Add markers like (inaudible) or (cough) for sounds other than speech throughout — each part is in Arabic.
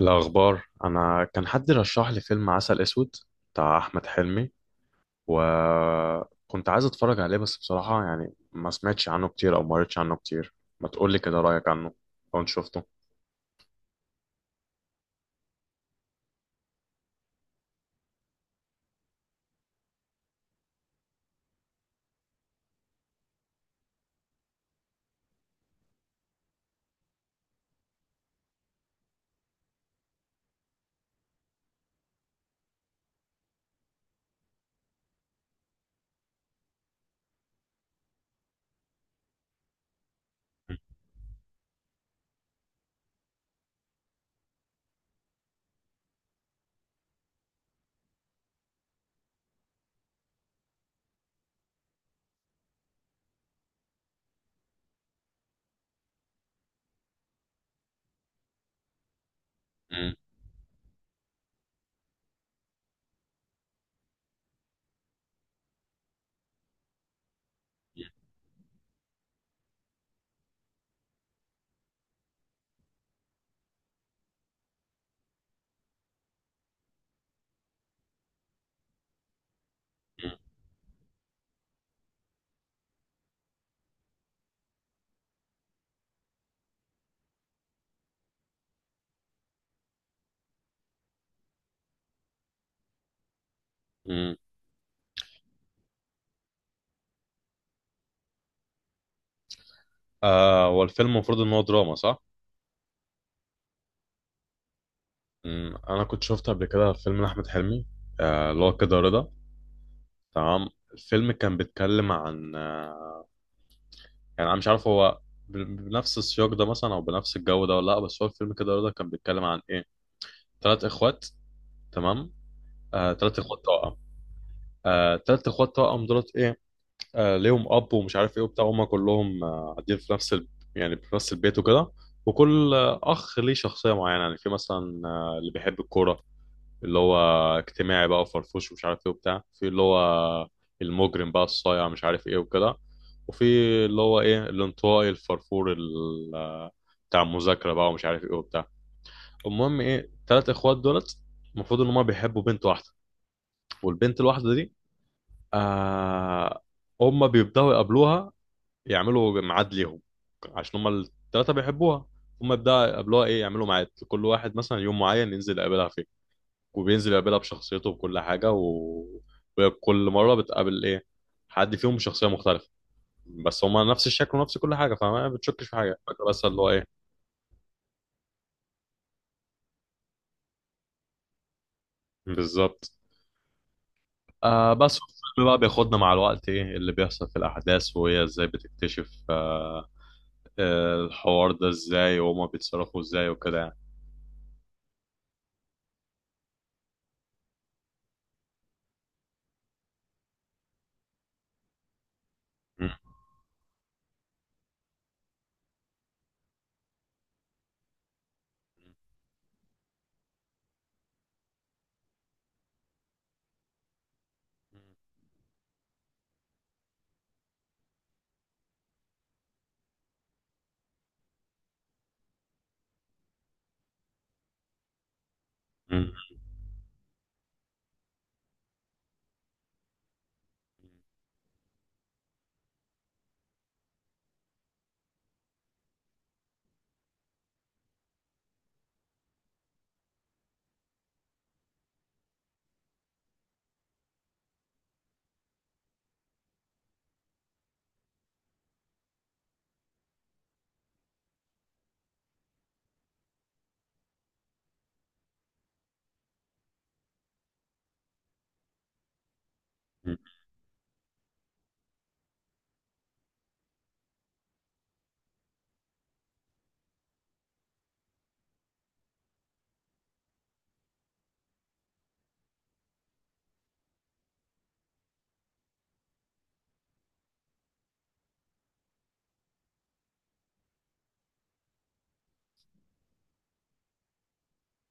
الأخبار، أنا كان حد رشح لي فيلم عسل أسود بتاع أحمد حلمي. وكنت عايز أتفرج عليه بس بصراحة يعني ما سمعتش عنه كتير أو ما قريتش عنه كتير. ما تقولي كده رأيك عنه لو أنت شفته؟ مم. مم. مم. هو الفيلم المفروض إن هو دراما صح؟ مم. أنا كنت شفت قبل كده فيلم لأحمد حلمي، اللي هو كده رضا. تمام. الفيلم كان بيتكلم عن يعني أنا مش عارف هو بنفس السياق ده مثلا أو بنفس الجو ده ولا لأ. بس هو الفيلم كده رضا كان بيتكلم عن إيه؟ ثلاث اخوات. تمام. ثلاث اخوات توأم. ثلاث اخوات توأم دولت ايه، ليهم اب ومش عارف ايه وبتاع. هم كلهم قاعدين في نفس يعني في نفس البيت وكده. وكل اخ ليه شخصيه معينه. يعني في مثلا اللي بيحب الكوره، اللي هو اجتماعي بقى وفرفوش ومش عارف ايه وبتاع. في اللي هو المجرم بقى الصايع مش عارف ايه وكده. وفي اللي هو ايه، الانطوائي الفرفور بتاع المذاكره بقى ومش عارف ايه وبتاع. المهم ايه، ثلاث اخوات دولت المفروض ان هم بيحبوا بنت واحده. والبنت الواحدة دي، آه هم بيبدأوا يقابلوها، يعملوا ميعاد ليهم عشان هم الثلاثة بيحبوها. هم يبدأوا يقابلوها ايه، يعملوا ميعاد كل واحد مثلا يوم معين ينزل يقابلها فيه. وبينزل يقابلها بشخصيته وكل حاجة وكل مرة بتقابل ايه، حد فيهم بشخصية مختلفة، بس هما نفس الشكل ونفس كل حاجة، فما بتشكش في حاجة فاكرة، بس اللي هو ايه بالظبط. بس الفيلم بقى بياخدنا مع الوقت ايه اللي بيحصل في الأحداث، وهي ازاي بتكتشف الحوار ده ازاي وهما بيتصرفوا ازاي وكده يعني. م- م- م-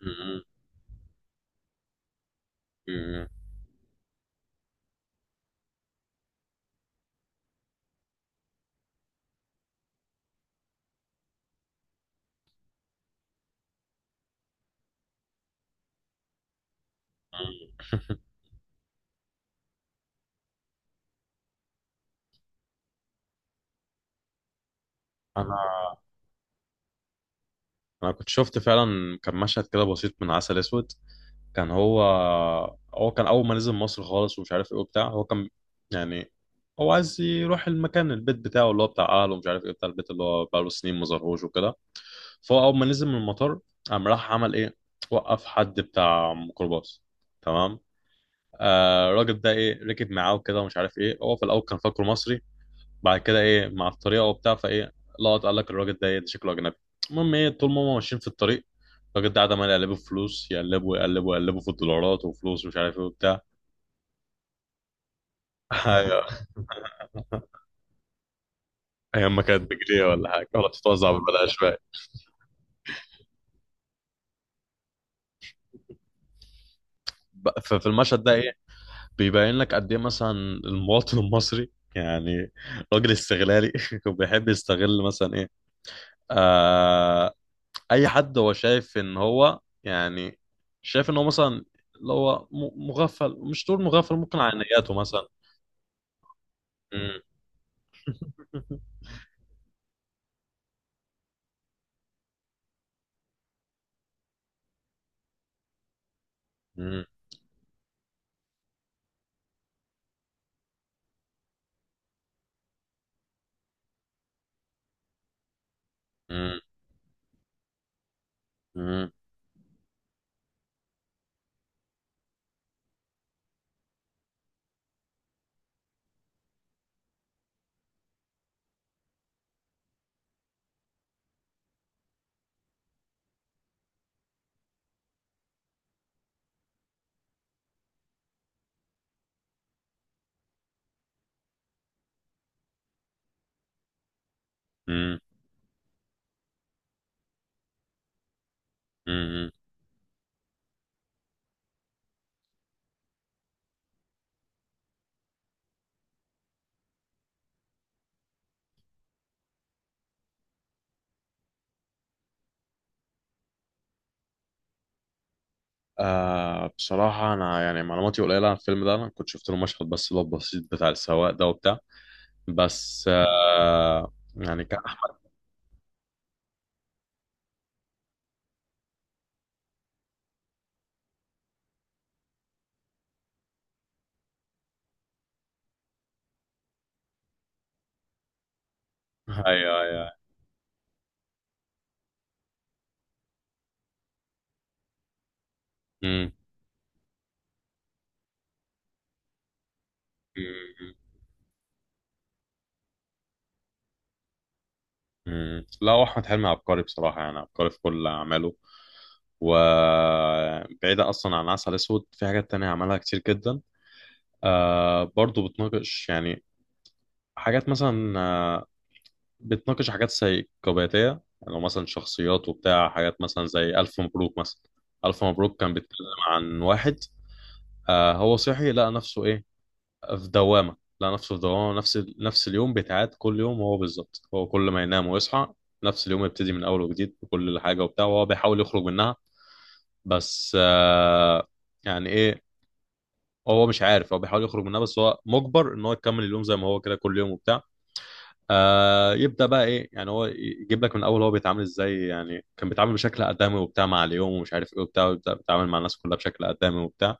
م- م- م- (laughs) انا انا كنت شفت فعلا كان مشهد كده بسيط من عسل اسود. كان هو كان اول ما نزل مصر خالص ومش عارف ايه وبتاع. هو كان يعني هو عايز يروح المكان البيت بتاعه اللي هو بتاع اهله ومش عارف ايه بتاع البيت اللي هو بقاله سنين ما ظهروش وكده. فهو اول ما نزل من المطار، قام راح عمل ايه، وقف حد بتاع ميكروباص. تمام. آه الراجل ده ايه، ركب معاه وكده ومش عارف ايه. هو في الاول كان فاكره مصري، بعد كده ايه مع الطريقه وبتاع، فايه لقط قال لك الراجل ده ايه، ده شكله اجنبي. المهم ايه، طول ما هم ماشيين في الطريق الراجل ده قاعد عمال يقلبه في فلوس، يقلبه يقلبه يقلبه في الدولارات وفلوس ومش عارف ايه وبتاع. ايوه، ايام ما كانت بجنيه ولا حاجه ولا بتتوزع ببلاش بقى. ففي المشهد ده ايه، بيبين لك قد ايه مثلا المواطن المصري يعني راجل استغلالي (laughs) وبيحب يستغل مثلا ايه، اي حد هو شايف ان هو يعني شايف ان هو مثلا اللي هو مغفل. مش تقول مغفل، ممكن على نياته مثلا. مم. (laughs) مم. مم. مم. مم. مم. بصراحة أنا يعني معلوماتي قليلة عن الفيلم ده. أنا كنت شفت له مشهد بس اللي هو البسيط بتاع السواق ده وبتاع. بس يعني كأحمد. (laughs) أيوه، أيوه. مم. مم. مم. لا، هو أحمد حلمي عبقري بصراحة يعني عبقري في كل أعماله. وبعيدة أصلا عن العسل الأسود في حاجات تانية عملها كتير جدا. برضو بتناقش يعني حاجات مثلا بتناقش حاجات سيكوباتية. يعني لو مثلا شخصيات وبتاع حاجات مثلا زي ألف مبروك مثلا. ألف مبروك كان بيتكلم عن واحد هو صحي لقى نفسه إيه، في دوامة. لقى نفسه في دوامة، نفس اليوم بيتعاد كل يوم، هو بالظبط هو كل ما ينام ويصحى نفس اليوم يبتدي من أول وجديد بكل حاجة وبتاع، وهو بيحاول يخرج منها بس يعني ايه، هو مش عارف، هو بيحاول يخرج منها بس هو مجبر ان هو يكمل اليوم زي ما هو كده كل يوم وبتاع. يبدا بقى ايه، يعني هو يجيب لك من الاول هو بيتعامل ازاي، يعني كان بيتعامل بشكل ادمي وبتاع مع اليوم ومش عارف ايه وبتاع، ويبدا بيتعامل مع الناس كلها بشكل ادمي وبتاع.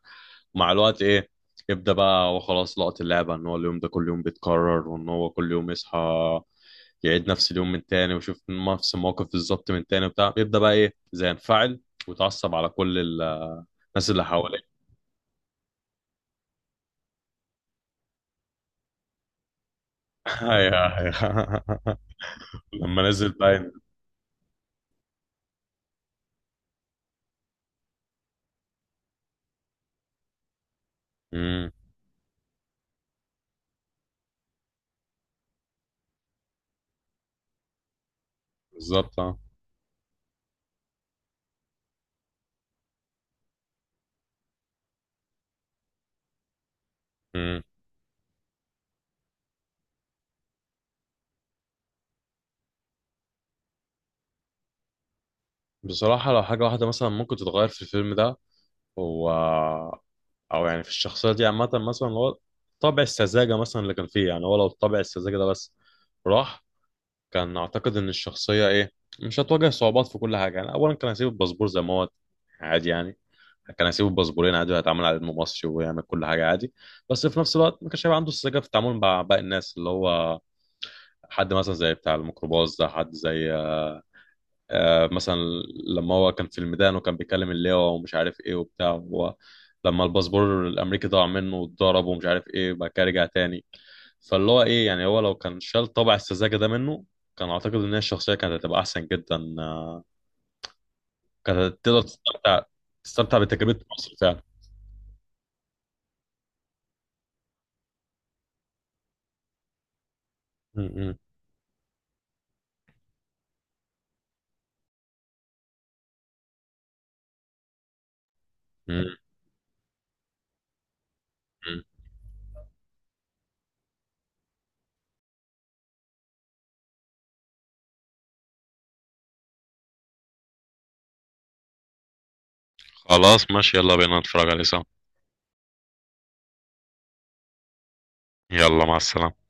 ومع الوقت ايه، يبدا بقى هو خلاص لقط اللعبه ان هو اليوم ده كل يوم بيتكرر، وان هو كل يوم يصحى يعيد نفس اليوم من تاني ويشوف نفس الموقف بالظبط من تاني وبتاع، يبدا بقى ايه زي ينفعل ويتعصب على كل الناس اللي حواليه. (laughs) ايوه، ايوه. (laughs) لما نزل بقى. امم، بالظبط، اه. امم بصراحة لو حاجة واحدة مثلا ممكن تتغير في الفيلم ده، هو أو يعني في الشخصية دي عامة، مثلا هو طابع السذاجة مثلا اللي كان فيه، يعني هو لو طابع السذاجة ده بس راح، كان أعتقد إن الشخصية إيه مش هتواجه صعوبات في كل حاجة. يعني أولا كان هيسيب الباسبور زي ما هو عادي يعني، كان هيسيب الباسبورين عادي وهيتعامل على إنه مصري ويعمل كل حاجة عادي. بس في نفس الوقت ما كانش هيبقى عنده السذاجة في التعامل مع باقي الناس. اللي هو حد مثلا زي بتاع الميكروباص ده، حد زي مثلا لما هو كان في الميدان وكان بيكلم اللواء ومش عارف ايه وبتاع. هو لما الباسبور الامريكي ضاع منه واتضرب ومش عارف ايه، بعد كده رجع تاني. فاللي هو ايه يعني، هو لو كان شال طبع السذاجه ده منه كان اعتقد ان هي الشخصيه كانت هتبقى احسن جدا. كانت تقدر تستمتع، تستمتع بتجربه مصر فعلا. م- م- م- م. خلاص ماشي، يلا بينا نتفرج عليه سوا. يلا مع السلامة.